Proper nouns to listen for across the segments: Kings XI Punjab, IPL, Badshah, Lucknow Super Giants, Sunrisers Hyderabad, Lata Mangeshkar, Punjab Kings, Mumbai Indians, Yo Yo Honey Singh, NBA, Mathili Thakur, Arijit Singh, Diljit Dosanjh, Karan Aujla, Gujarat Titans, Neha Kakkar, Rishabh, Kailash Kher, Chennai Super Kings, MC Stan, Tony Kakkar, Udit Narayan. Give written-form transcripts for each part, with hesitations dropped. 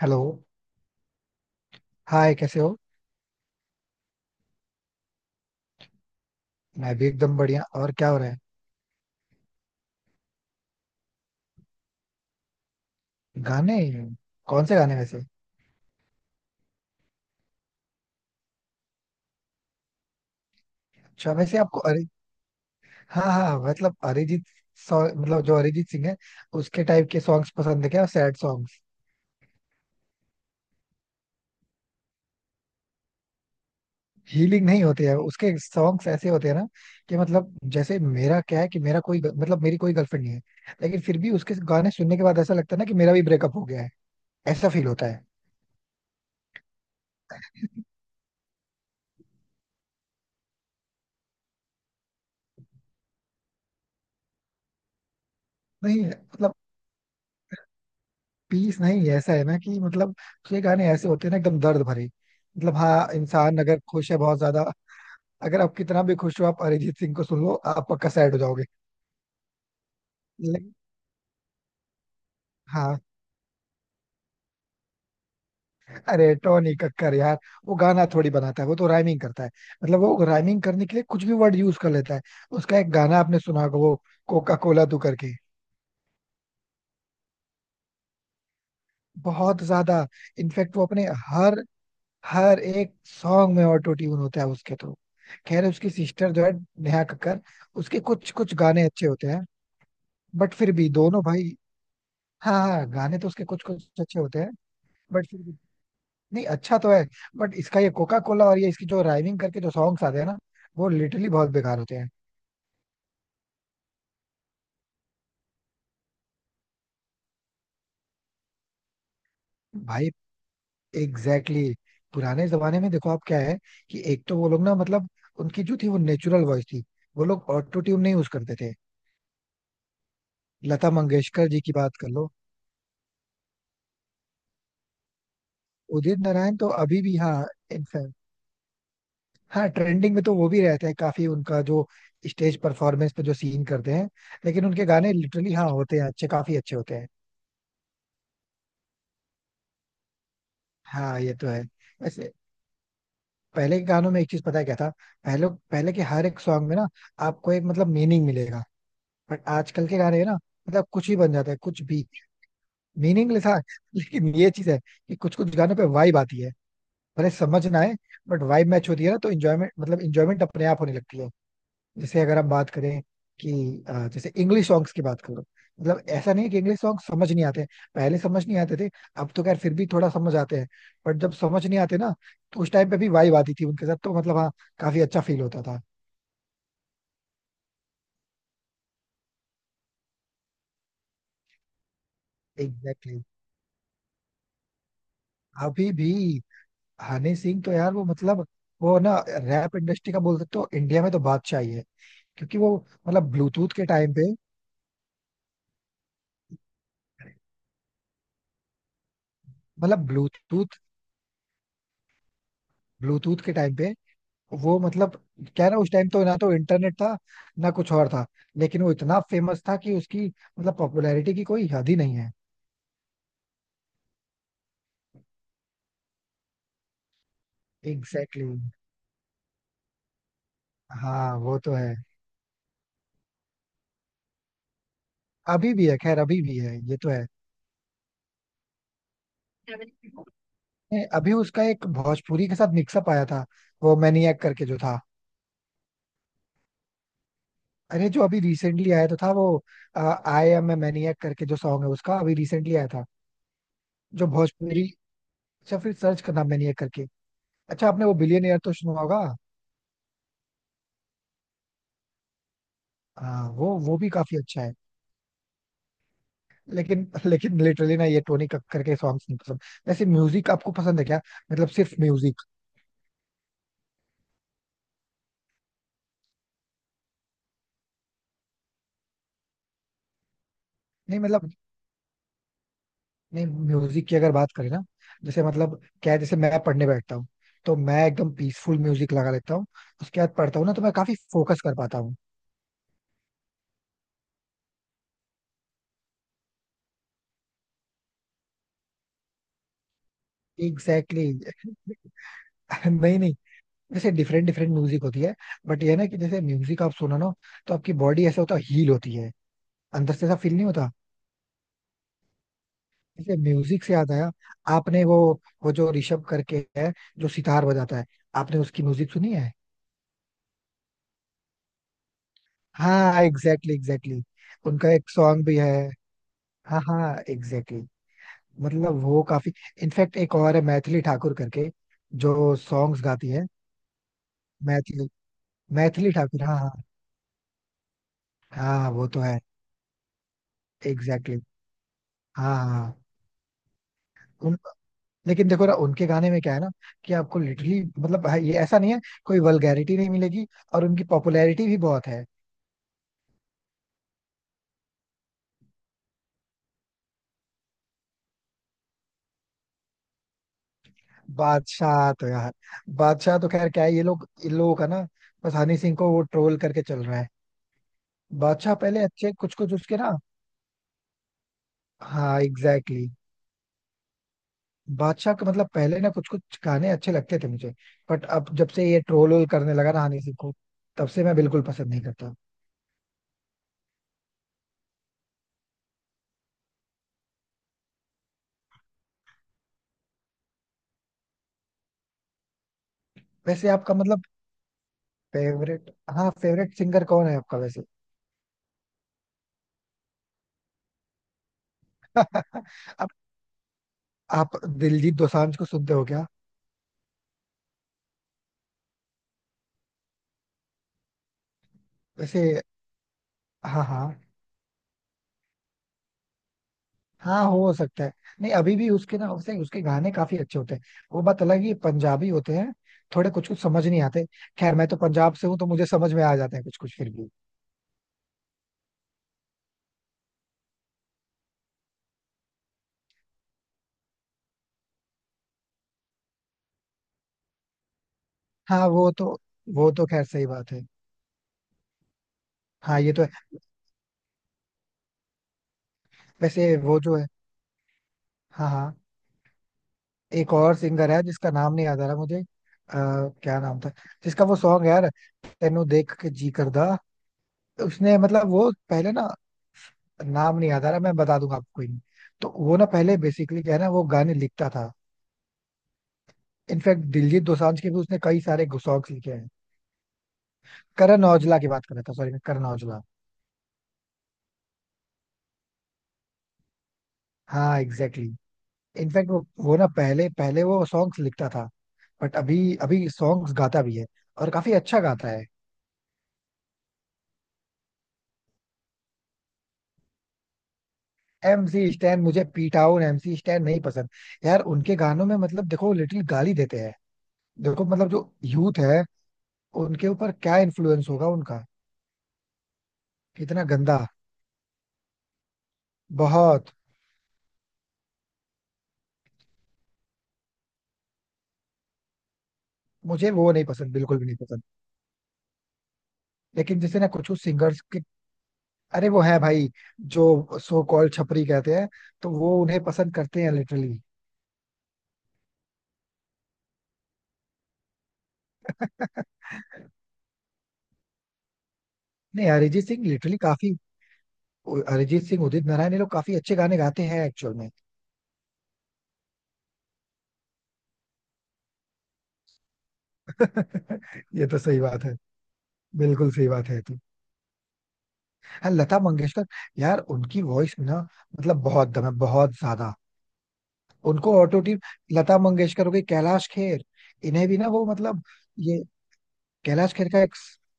Hello. Hi, कैसे हो? मैं भी एकदम बढ़िया. और क्या हो रहा है? गाने? कौन से गाने वैसे? अच्छा, वैसे आपको, अरे, हाँ हाँ हाँ, मतलब अरिजीत. मतलब जो अरिजीत सिंह है, उसके टाइप के सॉन्ग्स पसंद है क्या? Sad songs? हीलिंग नहीं होते हैं उसके सॉन्ग्स. ऐसे होते हैं ना कि मतलब, जैसे मेरा क्या है कि मेरा कोई, मतलब मेरी कोई गर्लफ्रेंड नहीं है, लेकिन फिर भी उसके गाने सुनने के बाद ऐसा लगता है ना कि मेरा भी ब्रेकअप हो गया है. ऐसा फील होता है. नहीं, मतलब पीस नहीं, ऐसा है ना कि मतलब ये गाने ऐसे होते हैं ना, एकदम दर्द भरे, मतलब हाँ, इंसान अगर खुश है बहुत ज्यादा, अगर आप कितना भी खुश हो, आप अरिजीत सिंह को सुन लो, आप पक्का सैड हो जाओगे. लेकिन हाँ. अरे टोनी कक्कर यार, वो गाना थोड़ी बनाता है, वो तो राइमिंग करता है. मतलब वो राइमिंग करने के लिए कुछ भी वर्ड यूज कर लेता है. उसका एक गाना आपने सुना होगा, वो कोका कोला तू करके. बहुत ज्यादा. इनफैक्ट वो अपने हर हर एक सॉन्ग में ऑटो ट्यून होता है उसके तो. खैर, उसकी सिस्टर जो है, नेहा कक्कर, उसके कुछ कुछ गाने अच्छे होते हैं. बट फिर भी दोनों भाई. हाँ हाँ, गाने तो उसके कुछ कुछ अच्छे होते हैं, बट फिर भी. नहीं, अच्छा तो है, बट इसका ये कोका कोला और ये इसकी जो राइमिंग करके जो सॉन्ग्स आते हैं ना, वो लिटरली बहुत बेकार होते हैं. भाई, एग्जैक्टली exactly. पुराने जमाने में देखो, आप क्या है कि एक तो वो लोग, ना मतलब, उनकी जो थी वो नेचुरल वॉइस थी. वो लोग ऑटो ट्यून नहीं यूज करते थे. लता मंगेशकर जी की बात कर लो. उदित नारायण तो अभी भी, हाँ. इनफैक्ट, हाँ, ट्रेंडिंग में तो वो भी रहते हैं काफी. उनका जो स्टेज परफॉर्मेंस पे जो सीन करते हैं, लेकिन उनके गाने लिटरली हाँ होते हैं अच्छे, काफी अच्छे होते हैं. हाँ ये तो है. वैसे पहले के गानों में एक चीज पता है क्या था, पहले पहले के हर एक सॉन्ग में ना, आपको एक, मतलब मीनिंग मिलेगा. बट आजकल के गाने ना, मतलब कुछ भी बन जाता है, कुछ भी. मीनिंगलेस था लेकिन ये चीज है कि कुछ कुछ गानों पे वाइब आती है, भले समझ ना आए, बट वाइब मैच होती है ना तो इंजॉयमेंट, मतलब इंजॉयमेंट अपने आप होने लगती है. जैसे अगर आप बात करें कि जैसे इंग्लिश सॉन्ग्स की बात करो, मतलब ऐसा नहीं है कि इंग्लिश सॉन्ग समझ नहीं आते हैं. पहले समझ नहीं आते थे, अब तो खैर फिर भी थोड़ा समझ आते हैं. बट जब समझ नहीं आते ना, तो उस टाइम पे भी वाइब आती थी उनके साथ, तो मतलब हाँ, काफी अच्छा फील होता था. Exactly exactly. अभी भी हनी सिंह तो यार वो, मतलब वो ना, रैप इंडस्ट्री का बोल सकते हो इंडिया में, तो बादशाह ही है, क्योंकि वो, मतलब ब्लूटूथ के टाइम पे, मतलब ब्लूटूथ ब्लूटूथ के टाइम पे वो, मतलब क्या है ना, उस टाइम तो ना तो इंटरनेट था, ना कुछ और था, लेकिन वो इतना फेमस था कि उसकी, मतलब पॉपुलैरिटी की कोई हद ही नहीं है. Exactly exactly. हाँ वो तो है. अभी भी है, खैर अभी भी है, ये तो है. नहीं, अभी उसका एक भोजपुरी के साथ मिक्सअप आया था, वो मैनिएक करके जो था. अरे जो अभी रिसेंटली आया तो था वो, आई एम ए मैनिएक करके जो सॉन्ग है, उसका अभी रिसेंटली आया था, जो भोजपुरी. अच्छा फिर सर्च करना, मैनिएक करके. अच्छा आपने वो बिलियनियर तो सुना होगा. हाँ वो भी काफी अच्छा है. लेकिन लेकिन लिटरली ना, ये टोनी कक्कर के सॉन्ग्स नहीं पसंद. वैसे म्यूजिक आपको पसंद है क्या? मतलब सिर्फ म्यूजिक. नहीं मतलब, नहीं म्यूजिक की अगर बात करें ना, जैसे मतलब क्या है, जैसे मैं पढ़ने बैठता हूँ, तो मैं एकदम पीसफुल म्यूजिक लगा लेता हूँ. उसके बाद पढ़ता हूँ ना तो मैं काफी फोकस कर पाता हूँ. Exactly exactly. नहीं नहीं, जैसे डिफरेंट डिफरेंट म्यूजिक होती है, बट ये है ना कि जैसे म्यूजिक आप सुनो ना, तो आपकी बॉडी ऐसा होता है, हील होती है अंदर से, ऐसा फील नहीं होता? ऐसे म्यूजिक से याद आया, आपने वो जो ऋषभ करके है, जो सितार बजाता है, आपने उसकी म्यूजिक सुनी है? हाँ एग्जैक्टली एग्जैक्टली. उनका एक सॉन्ग भी है. हाँ हाँ एग्जैक्टली exactly. मतलब वो काफी, इनफैक्ट एक और है, मैथिली ठाकुर करके, जो सॉन्ग्स गाती है. मैथिली, मैथिली ठाकुर, हाँ हाँ. हाँ वो तो है, एग्जैक्टली exactly. हाँ हाँ हाँ. उन, लेकिन देखो ना उनके गाने में क्या है ना कि आपको लिटरली, मतलब हाँ, ये ऐसा नहीं है, कोई वल्गैरिटी नहीं मिलेगी, और उनकी पॉपुलैरिटी भी बहुत है. बादशाह तो यार, बादशाह तो खैर क्या है, ये लोग इन लोगों का ना, बस हनी सिंह को वो ट्रोल करके चल रहा है. बादशाह पहले अच्छे कुछ कुछ उसके ना. हाँ एग्जैक्टली exactly. बादशाह का मतलब पहले ना कुछ कुछ गाने अच्छे लगते थे मुझे, बट अब जब से ये ट्रोल वोल करने लगा ना हनी सिंह को, तब से मैं बिल्कुल पसंद नहीं करता. वैसे आपका मतलब फेवरेट, हाँ फेवरेट सिंगर कौन है आपका वैसे? आप आप दिलजीत दोसांझ को सुनते हो क्या? वैसे हाँ हाँ, हाँ हो सकता है. नहीं अभी भी उसके ना, उसके उसके गाने काफी अच्छे होते हैं. वो बात अलग ही पंजाबी होते हैं, थोड़े कुछ कुछ समझ नहीं आते. खैर, मैं तो पंजाब से हूँ तो मुझे समझ में आ जाते हैं कुछ कुछ फिर भी. हाँ वो तो, वो तो खैर सही बात है. हाँ ये तो है. वैसे वो जो है, हाँ हाँ, एक और सिंगर है जिसका नाम नहीं याद आ रहा मुझे, क्या नाम था, जिसका वो सॉन्ग है यार, तेनू देख के जी करदा. उसने, मतलब वो पहले ना, नाम नहीं याद आ रहा, मैं बता दूंगा आपको, कोई नहीं. तो वो ना पहले बेसिकली क्या है ना, वो गाने लिखता था. इनफैक्ट दिलजीत दोसांझ के भी उसने कई सारे सॉन्ग्स लिखे हैं. करण औजला की बात कर रहा था, सॉरी, मैं करण औजला. हाँ एग्जैक्टली exactly. इनफैक्ट वो ना पहले, पहले वो सॉन्ग्स लिखता था, बट अभी, अभी सॉन्ग्स गाता भी है, और काफी अच्छा गाता है. एमसी स्टैन, मुझे पीटाउन एमसी स्टैन नहीं पसंद. यार उनके गानों में मतलब देखो, लिटिल गाली देते हैं, देखो मतलब जो यूथ है, उनके ऊपर क्या इन्फ्लुएंस होगा उनका, कितना गंदा, बहुत. मुझे वो नहीं पसंद, बिल्कुल भी नहीं पसंद. लेकिन जैसे ना कुछ कुछ सिंगर्स, अरे वो है भाई, जो सो कॉल्ड छपरी कहते हैं, तो वो उन्हें पसंद करते हैं लिटरली. नहीं अरिजीत सिंह लिटरली काफी, अरिजीत सिंह, उदित नारायण, ये लोग काफी अच्छे गाने गाते हैं एक्चुअल में. ये तो सही बात है, बिल्कुल सही बात है तो. हाँ लता मंगेशकर, यार उनकी वॉइस में ना, मतलब बहुत दम है, बहुत ज्यादा. उनको ऑटो ट्यून, लता मंगेशकर हो गई, कैलाश खेर, इन्हें भी ना वो मतलब, ये कैलाश खेर का एक,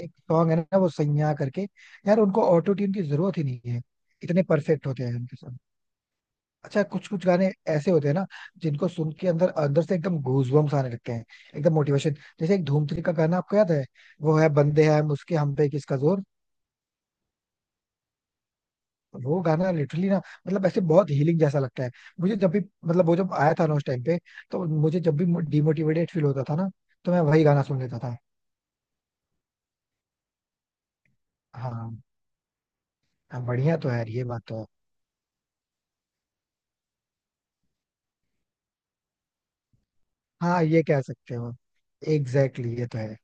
एक सॉन्ग है ना, वो सैयां करके, यार उनको ऑटो ट्यून की जरूरत ही नहीं है. इतने परफेक्ट होते हैं उनके सॉन्ग. अच्छा कुछ कुछ गाने ऐसे होते हैं ना, जिनको सुन के अंदर, अंदर से एकदम गूजबम्स आने लगते हैं, एकदम मोटिवेशन. जैसे एक धूम 3 का गाना आपको याद है, वो है बंदे हैं हम उसके हम पे किसका जोर. वो गाना लिटरली ना, मतलब ऐसे बहुत हीलिंग जैसा लगता है. मुझे जब भी, मतलब वो जब आया था ना उस टाइम पे, तो मुझे जब भी डिमोटिवेटेड फील होता था ना, तो मैं वही गाना सुन लेता था. हाँ. हाँ, बढ़िया तो है यार, ये बात तो है. हाँ ये कह सकते हो, एग्जैक्टली exactly, ये तो है.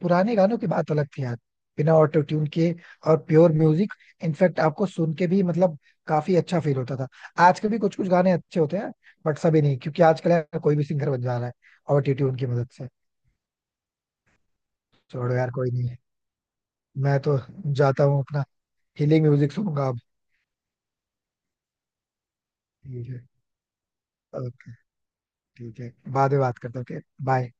पुराने गानों की बात अलग थी यार, बिना ऑटो ट्यून के, और प्योर म्यूजिक. इनफैक्ट आपको सुन के भी मतलब, काफी अच्छा फील होता था. आजकल भी कुछ कुछ गाने अच्छे होते हैं, बट सभी नहीं, क्योंकि आजकल यार कोई भी सिंगर बन जा रहा है, ऑटो ट्यून की मदद से. छोड़ो यार कोई नहीं है. मैं तो जाता हूँ, अपना हीलिंग म्यूजिक सुनूंगा अब. ठीक है. ओके. ठीक है, बाद में बात करते हैं, बाय.